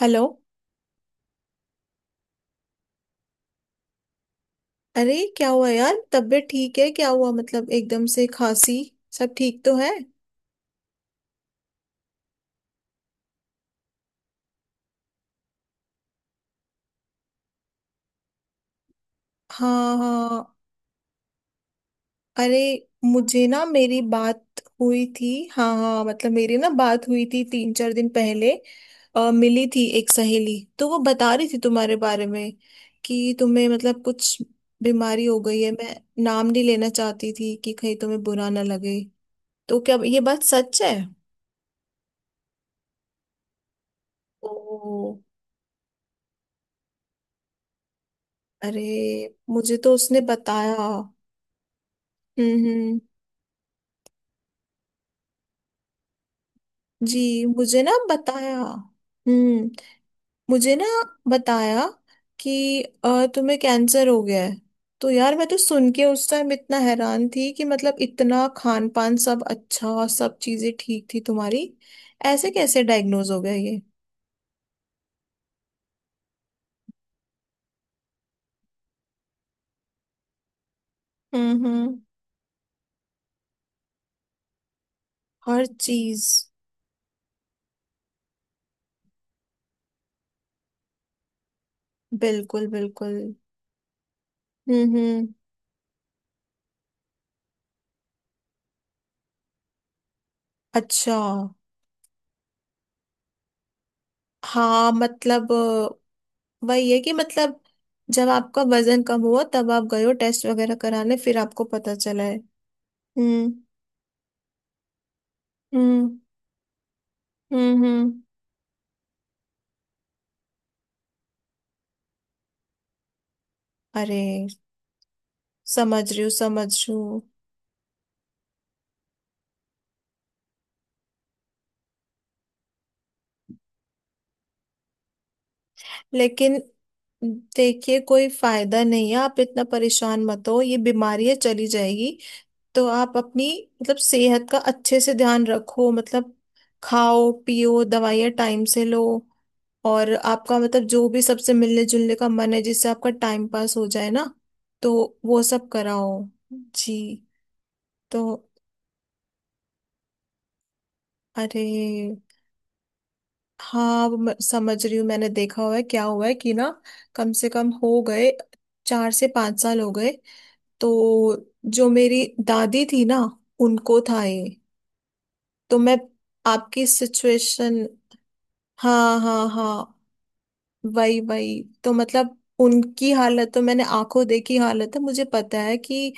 Hello. अरे, क्या हुआ यार? तबीयत ठीक है? क्या हुआ? मतलब एकदम से खांसी। सब ठीक तो है? हाँ हाँ। अरे, मुझे ना मेरी बात हुई थी, हाँ हाँ, मतलब मेरी ना बात हुई थी 3 4 दिन पहले। मिली थी एक सहेली तो वो बता रही थी तुम्हारे बारे में कि तुम्हें मतलब कुछ बीमारी हो गई है। मैं नाम नहीं लेना चाहती थी कि कहीं तुम्हें बुरा ना लगे। तो क्या ये बात सच है? ओ। अरे, मुझे तो उसने बताया। हम्म। जी मुझे ना बताया। हम्म। मुझे ना बताया कि तुम्हें कैंसर हो गया है। तो यार मैं तो सुन के उस टाइम इतना हैरान थी कि मतलब इतना खान पान सब अच्छा, सब चीजें ठीक थी तुम्हारी। ऐसे कैसे डायग्नोज हो गया ये? हम्म। हर चीज। बिल्कुल बिल्कुल। हम्म। अच्छा। हाँ मतलब वही है कि मतलब जब आपका वजन कम हुआ तब आप गए हो टेस्ट वगैरह कराने, फिर आपको पता चला है? हम्म हम्म। हम्म। अरे, समझ रही हूँ, समझ रही हूँ। लेकिन देखिए कोई फायदा नहीं है, आप इतना परेशान मत हो। ये बीमारी है, चली जाएगी। तो आप अपनी मतलब सेहत का अच्छे से ध्यान रखो। मतलब खाओ पियो, दवाइयाँ टाइम से लो। और आपका मतलब जो भी सबसे मिलने जुलने का मन है जिससे आपका टाइम पास हो जाए ना, तो वो सब कराओ। जी। तो अरे, हाँ अब मैं समझ रही हूँ। मैंने देखा हुआ है क्या हुआ है कि ना कम से कम हो गए 4 से 5 साल हो गए। तो जो मेरी दादी थी ना, उनको था ये। तो मैं आपकी सिचुएशन। हाँ हाँ हाँ। वही वही तो मतलब उनकी हालत तो मैंने आंखों देखी हालत है, मुझे पता है कि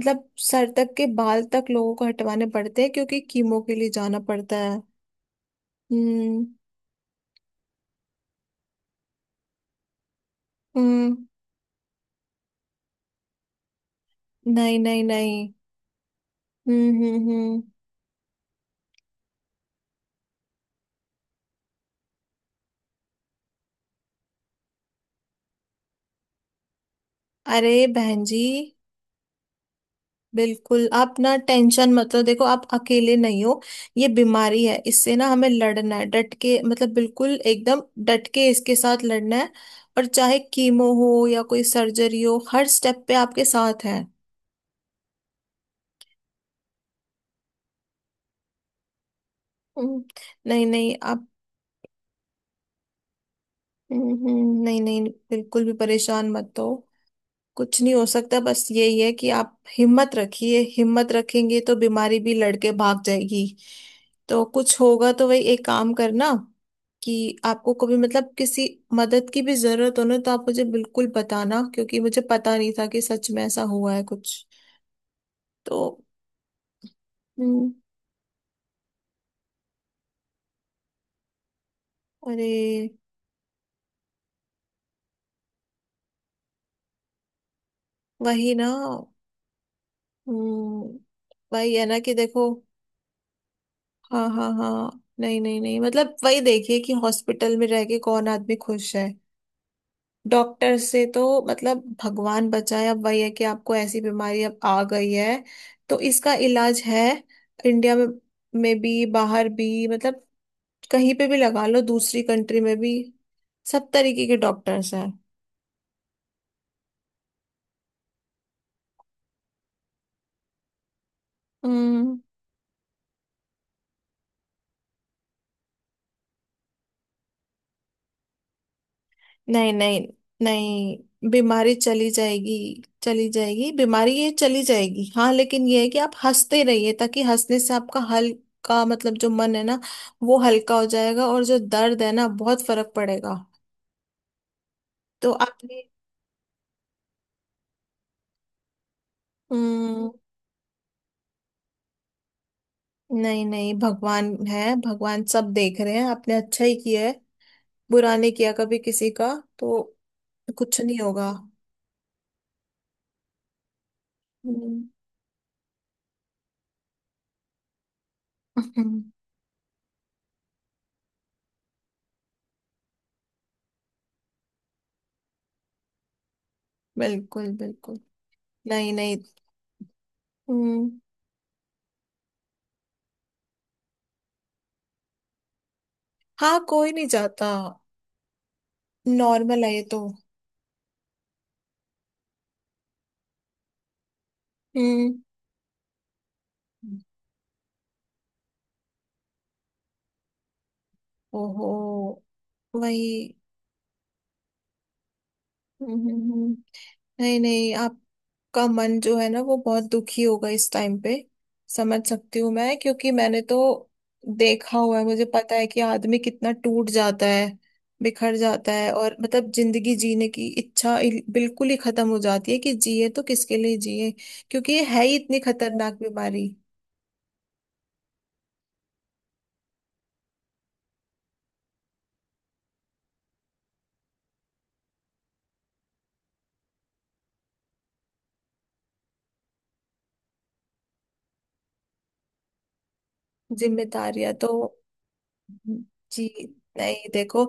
मतलब सर तक के बाल तक लोगों को हटवाने पड़ते हैं क्योंकि कीमो के लिए जाना पड़ता है। हम्म हम्म। नहीं नहीं नहीं। हम्म। अरे बहन जी। बिल्कुल, आप ना टेंशन मत लो, देखो आप अकेले नहीं हो। ये बीमारी है, इससे ना हमें लड़ना है डट के, मतलब बिल्कुल एकदम डट के इसके साथ लड़ना है। और चाहे कीमो हो या कोई सर्जरी हो, हर स्टेप पे आपके साथ है। हम्म, नहीं नहीं आप। नहीं नहीं बिल्कुल भी परेशान मत हो। कुछ नहीं हो सकता, बस यही है कि आप हिम्मत रखिए, हिम्मत रखेंगे तो बीमारी भी लड़के भाग जाएगी। तो कुछ होगा तो वही एक काम करना कि आपको कभी मतलब किसी मदद की भी जरूरत हो ना तो आप मुझे बिल्कुल बताना, क्योंकि मुझे पता नहीं था कि सच में ऐसा हुआ है कुछ। तो हम्म, अरे वही ना। हम्म, वही है ना कि देखो। हाँ हाँ हाँ। नहीं नहीं नहीं मतलब वही देखिए कि हॉस्पिटल में रह के कौन आदमी खुश है। डॉक्टर से तो मतलब भगवान बचाए। अब वही है कि आपको ऐसी बीमारी अब आ गई है, तो इसका इलाज है। इंडिया में भी बाहर भी मतलब कहीं पे भी लगा लो, दूसरी कंट्री में भी सब तरीके के डॉक्टर्स हैं। हम्म। नहीं नहीं नहीं, बीमारी चली जाएगी। चली जाएगी बीमारी, ये चली जाएगी। हाँ लेकिन ये है कि आप हंसते रहिए, ताकि हंसने से आपका हल्का मतलब जो मन है ना, वो हल्का हो जाएगा और जो दर्द है ना, बहुत फर्क पड़ेगा। तो आपने। हम्म। नहीं नहीं, भगवान है, भगवान सब देख रहे हैं, आपने अच्छा ही किया है, बुरा नहीं किया कभी किसी का, तो कुछ नहीं होगा। हम्म, बिल्कुल बिल्कुल। नहीं नहीं। हम्म। हाँ कोई नहीं जाता, नॉर्मल है ये तो। हम्म। ओहो। वही। हम्म हम्म, हम्म। नहीं नहीं, आपका मन जो है ना वो बहुत दुखी होगा इस टाइम पे, समझ सकती हूँ मैं, क्योंकि मैंने तो देखा हुआ है, मुझे पता है कि आदमी कितना टूट जाता है, बिखर जाता है और मतलब जिंदगी जीने की इच्छा बिल्कुल ही खत्म हो जाती है कि जिए तो किसके लिए जिए, क्योंकि ये है ही इतनी खतरनाक बीमारी। जिम्मेदारियां तो। जी। नहीं देखो,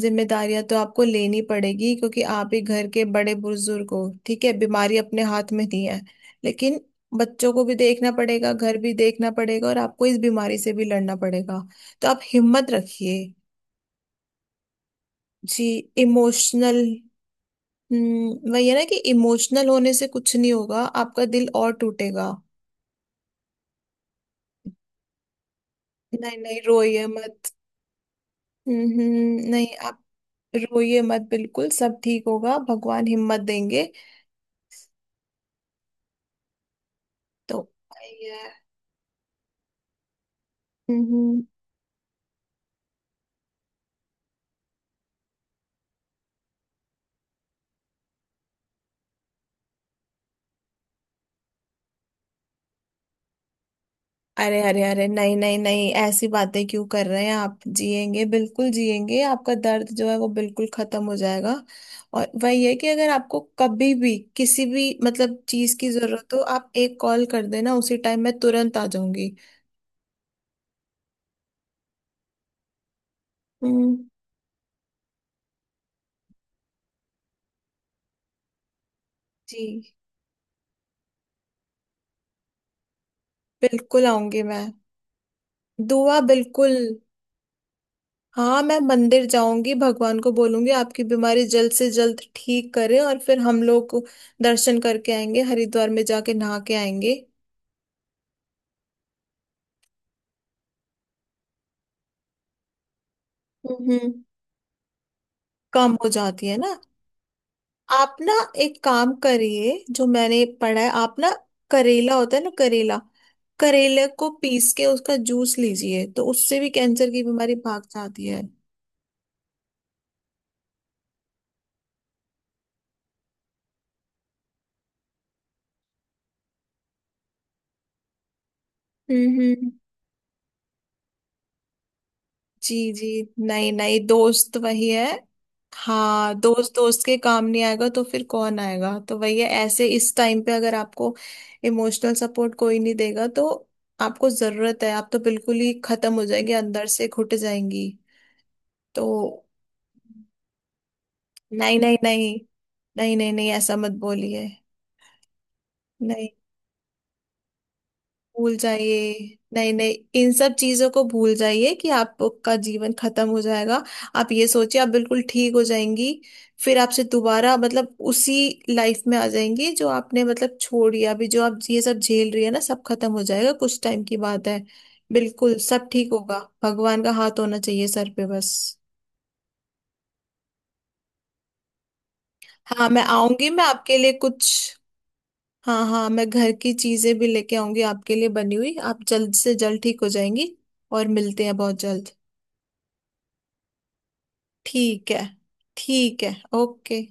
जिम्मेदारियां तो आपको लेनी पड़ेगी क्योंकि आप ही घर के बड़े बुजुर्ग हो। ठीक है बीमारी अपने हाथ में नहीं है, लेकिन बच्चों को भी देखना पड़ेगा, घर भी देखना पड़ेगा और आपको इस बीमारी से भी लड़ना पड़ेगा। तो आप हिम्मत रखिए। जी। इमोशनल। हम्म, वही है ना कि इमोशनल होने से कुछ नहीं होगा, आपका दिल और टूटेगा। नहीं नहीं रोइए मत। नहीं आप रोइए मत, बिल्कुल सब ठीक होगा, भगवान हिम्मत देंगे। तो वही है। हम्म। अरे अरे अरे नहीं नहीं नहीं, ऐसी बातें क्यों कर रहे हैं? आप जिएंगे, बिल्कुल जिएंगे, आपका दर्द जो है वो बिल्कुल खत्म हो जाएगा। और वही है कि अगर आपको कभी भी किसी भी मतलब चीज की जरूरत हो, आप एक कॉल कर देना, उसी टाइम मैं तुरंत आ जाऊंगी। हम्म। जी। बिल्कुल आऊंगी मैं, दुआ बिल्कुल। हाँ मैं मंदिर जाऊंगी, भगवान को बोलूंगी आपकी बीमारी जल्द से जल्द ठीक करे, और फिर हम लोग दर्शन करके आएंगे, हरिद्वार में जाके नहा के आएंगे। हम्म। कम हो जाती है ना। आप ना एक काम करिए, जो मैंने पढ़ा है, आप ना करेला होता है ना करेला, करेले को पीस के उसका जूस लीजिए तो उससे भी कैंसर की बीमारी भाग जाती है। हम्म हम्म। जी जी। नई नई दोस्त वही है। हाँ, दोस्त दोस्त के काम नहीं आएगा तो फिर कौन आएगा? तो वही है, ऐसे इस टाइम पे अगर आपको इमोशनल सपोर्ट कोई नहीं देगा तो आपको जरूरत है, आप तो बिल्कुल ही खत्म हो जाएंगे, अंदर से घुट जाएंगी। तो नहीं नहीं नहीं, नहीं नहीं नहीं ऐसा मत बोलिए। नहीं भूल जाइए, नहीं नहीं, इन सब चीजों को भूल जाइए कि आपका जीवन खत्म हो जाएगा। आप ये सोचिए आप बिल्कुल ठीक हो जाएंगी, फिर आपसे दोबारा मतलब उसी लाइफ में आ जाएंगी जो आपने मतलब छोड़ी। अभी जो आप ये सब झेल रही है ना, सब खत्म हो जाएगा, कुछ टाइम की बात है। बिल्कुल सब ठीक होगा, भगवान का हाथ होना चाहिए सर पे बस। हाँ मैं आऊंगी, मैं आपके लिए कुछ। हाँ हाँ, मैं घर की चीजें भी लेके आऊंगी आपके लिए बनी हुई, आप जल्द से जल्द ठीक हो जाएंगी। और मिलते हैं बहुत जल्द। ठीक है। ठीक है, ओके।